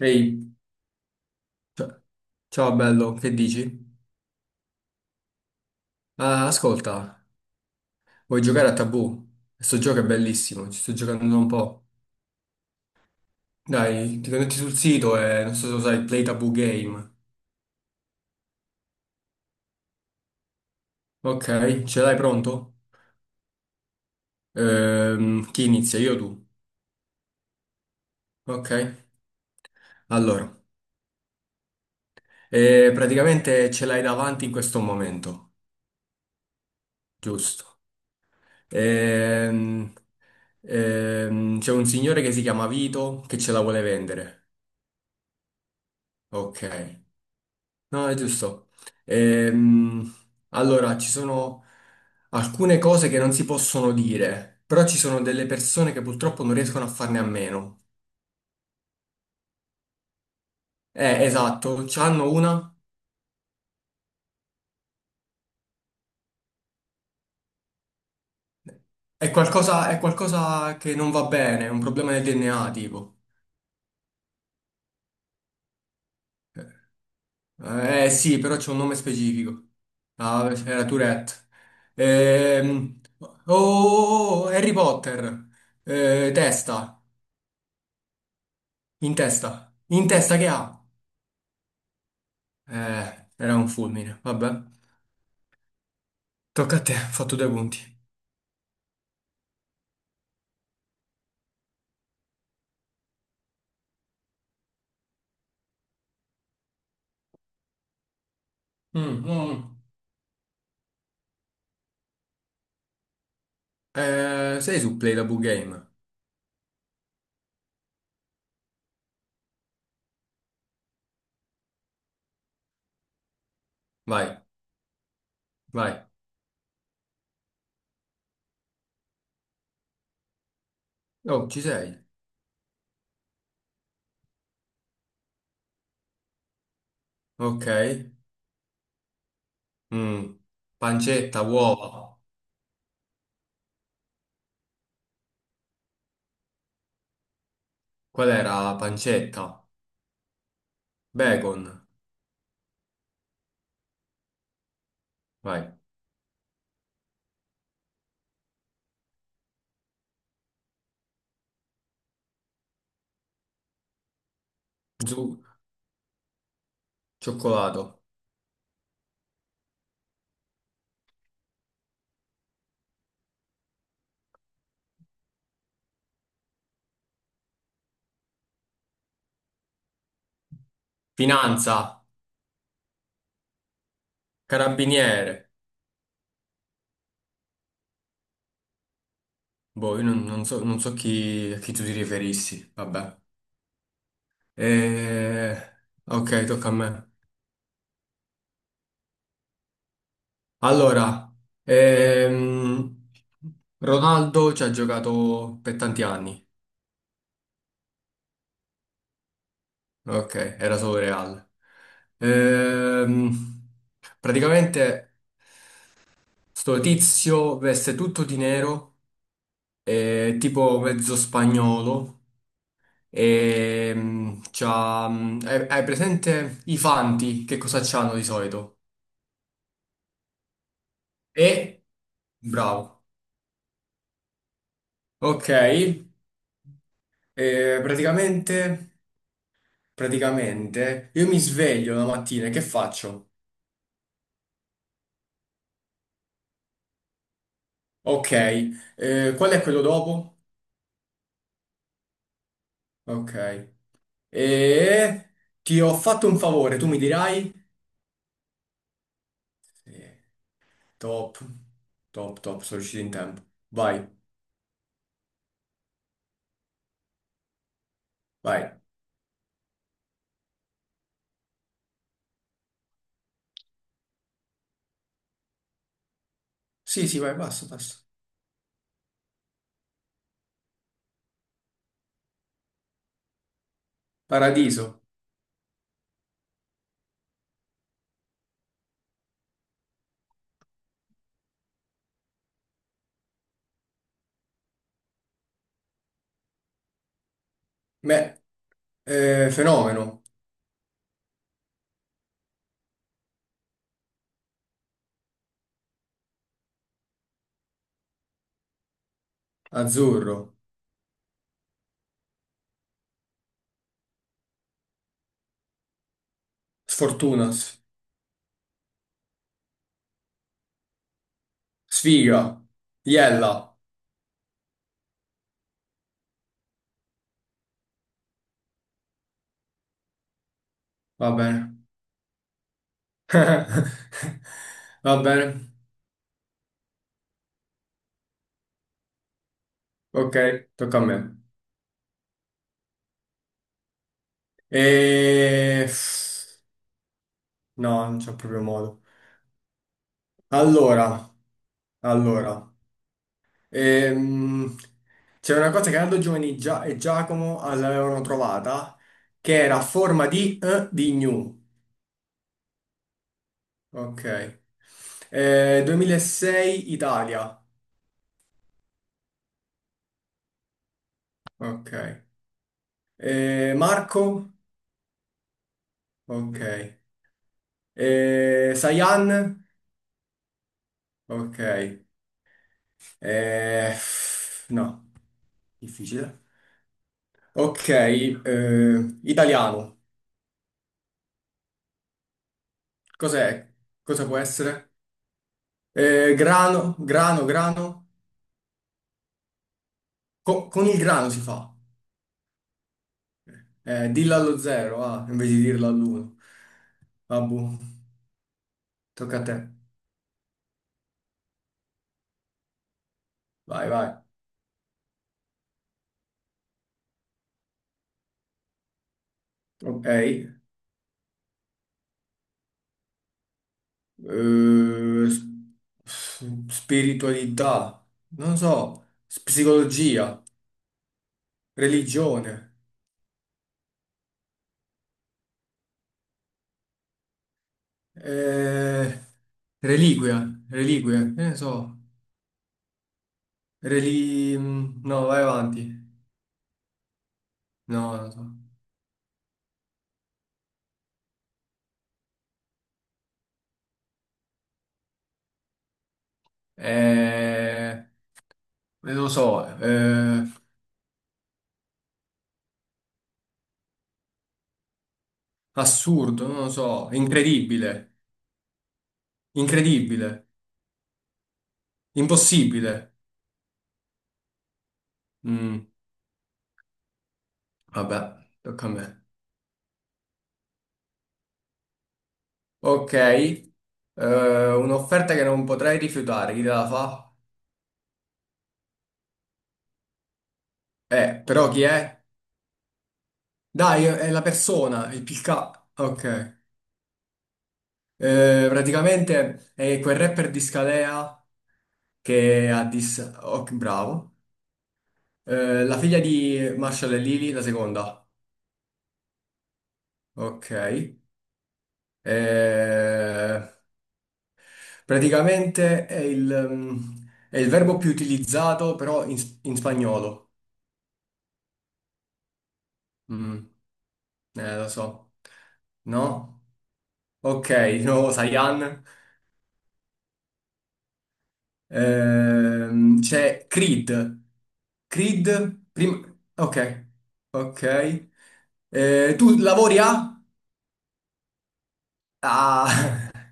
Ehi, c- ciao bello, che dici? Ah, ascolta, vuoi giocare a Tabù? Questo gioco è bellissimo, ci sto giocando da un po'. Dai, ti connetti sul sito e non so se lo sai, Play Tabù Game. Ok, ce l'hai pronto? Chi inizia, io o tu? Ok, allora, praticamente ce l'hai davanti in questo momento, giusto? Ehm, c'è un signore che si chiama Vito che ce la vuole vendere. Ok. No, è giusto. Ehm, allora, ci sono alcune cose che non si possono dire, però ci sono delle persone che purtroppo non riescono a farne a meno. Esatto, c'hanno una. È qualcosa che non va bene, è un problema del DNA, tipo. Sì, però c'è un nome specifico. Ah, era Tourette. Oh, oh, oh, Harry Potter. Testa. In testa. In testa che ha? Era un fulmine, vabbè. Tocca a te, ho fatto due punti. Mm, mm. Sei su Play the Book Game. Vai, vai. Oh, ci sei. Ok. Mm. Pancetta, uova. Qual era la pancetta? Bacon. Vai. Zu, cioccolato. Finanza. Carabiniere. Boh, io non so, non so chi, a chi tu ti riferissi. Vabbè. Eh, ok, tocca a me. Allora, ehm, Ronaldo ci ha giocato per tanti anni, ok, era solo Real. Ehm, praticamente sto tizio veste tutto di nero, è tipo mezzo spagnolo, e c'ha, hai presente i fanti, che cosa c'hanno di solito? E, bravo, ok, eh, praticamente... Praticamente io mi sveglio la mattina e che faccio? Ok, qual è quello dopo? Ok, e ti ho fatto un favore, tu mi dirai? Sì. Top, top, top, sono riuscito in tempo. Vai, vai. Sì, sì, vai, basta, basta. Paradiso, me, fenomeno, azzurro, sfortuna, sfiga, iella, va bene. Va bene, ok, tocca a me. E... No, non c'è proprio modo. Allora, allora, ehm, c'è una cosa che Aldo Giovanni e Giacomo l'avevano trovata, che era a forma di gnu. Ok. 2006 Italia. Ok. Marco? Ok. Sayan? Ok. Eh, no, difficile. Ok, italiano. Cos'è? Cosa può essere? Grano, grano, grano. Con il grano si fa. Dillo allo zero, ah, invece di dirlo all'uno. Vabbù, tocca a te. Vai, vai. Ok. S- spiritualità. Non so. Psicologia. Religione. Eh, reliquia. Reliquie. Che ne so. No, vai avanti. No, non so. Eh... non lo so, assurdo, non lo so, incredibile, incredibile, impossibile. Mm, vabbè, tocca a me. Ok, un'offerta che non potrei rifiutare, chi te la fa? Però chi è? Dai, è la persona, il PK. Ok, praticamente è quel rapper di Scalea. Ok, bravo. La figlia di Marshall e Lily, la seconda. Ok. Eh, praticamente è il verbo più utilizzato però in spagnolo. Mm, lo so. No? Ok, di nuovo Sayan. C'è Creed. Creed, prima... Ok, ok. Tu lavori a? Ah,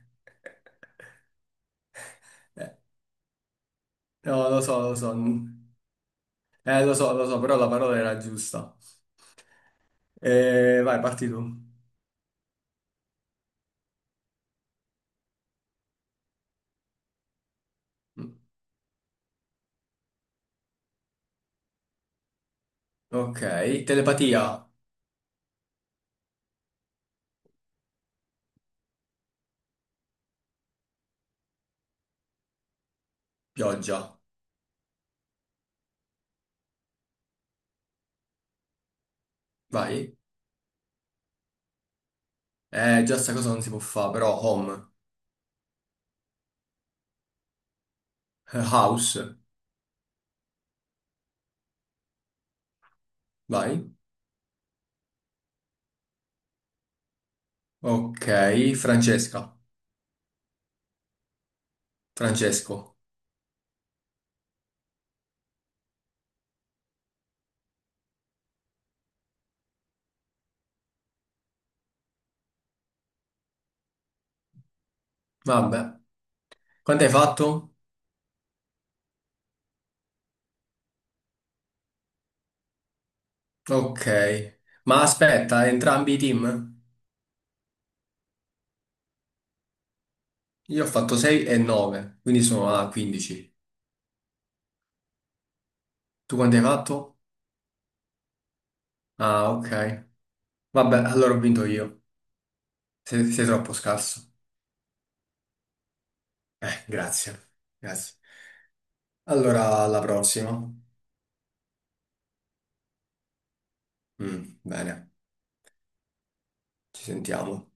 no, lo so, lo so. Lo so, lo so, però la parola era giusta. Vai, parti tu. Ok, telepatia, pioggia. Vai. Già sta cosa non si può fare, però home, house, vai. Ok, Francesca, Francesco. Vabbè. Quanto hai fatto? Ok. Ma aspetta, entrambi i team? Io ho fatto 6 e 9, quindi sono a 15. Tu quanto hai fatto? Ah, ok. Vabbè, allora ho vinto io. Sei troppo scarso. Grazie. Grazie. Allora, alla prossima. Bene, ci sentiamo.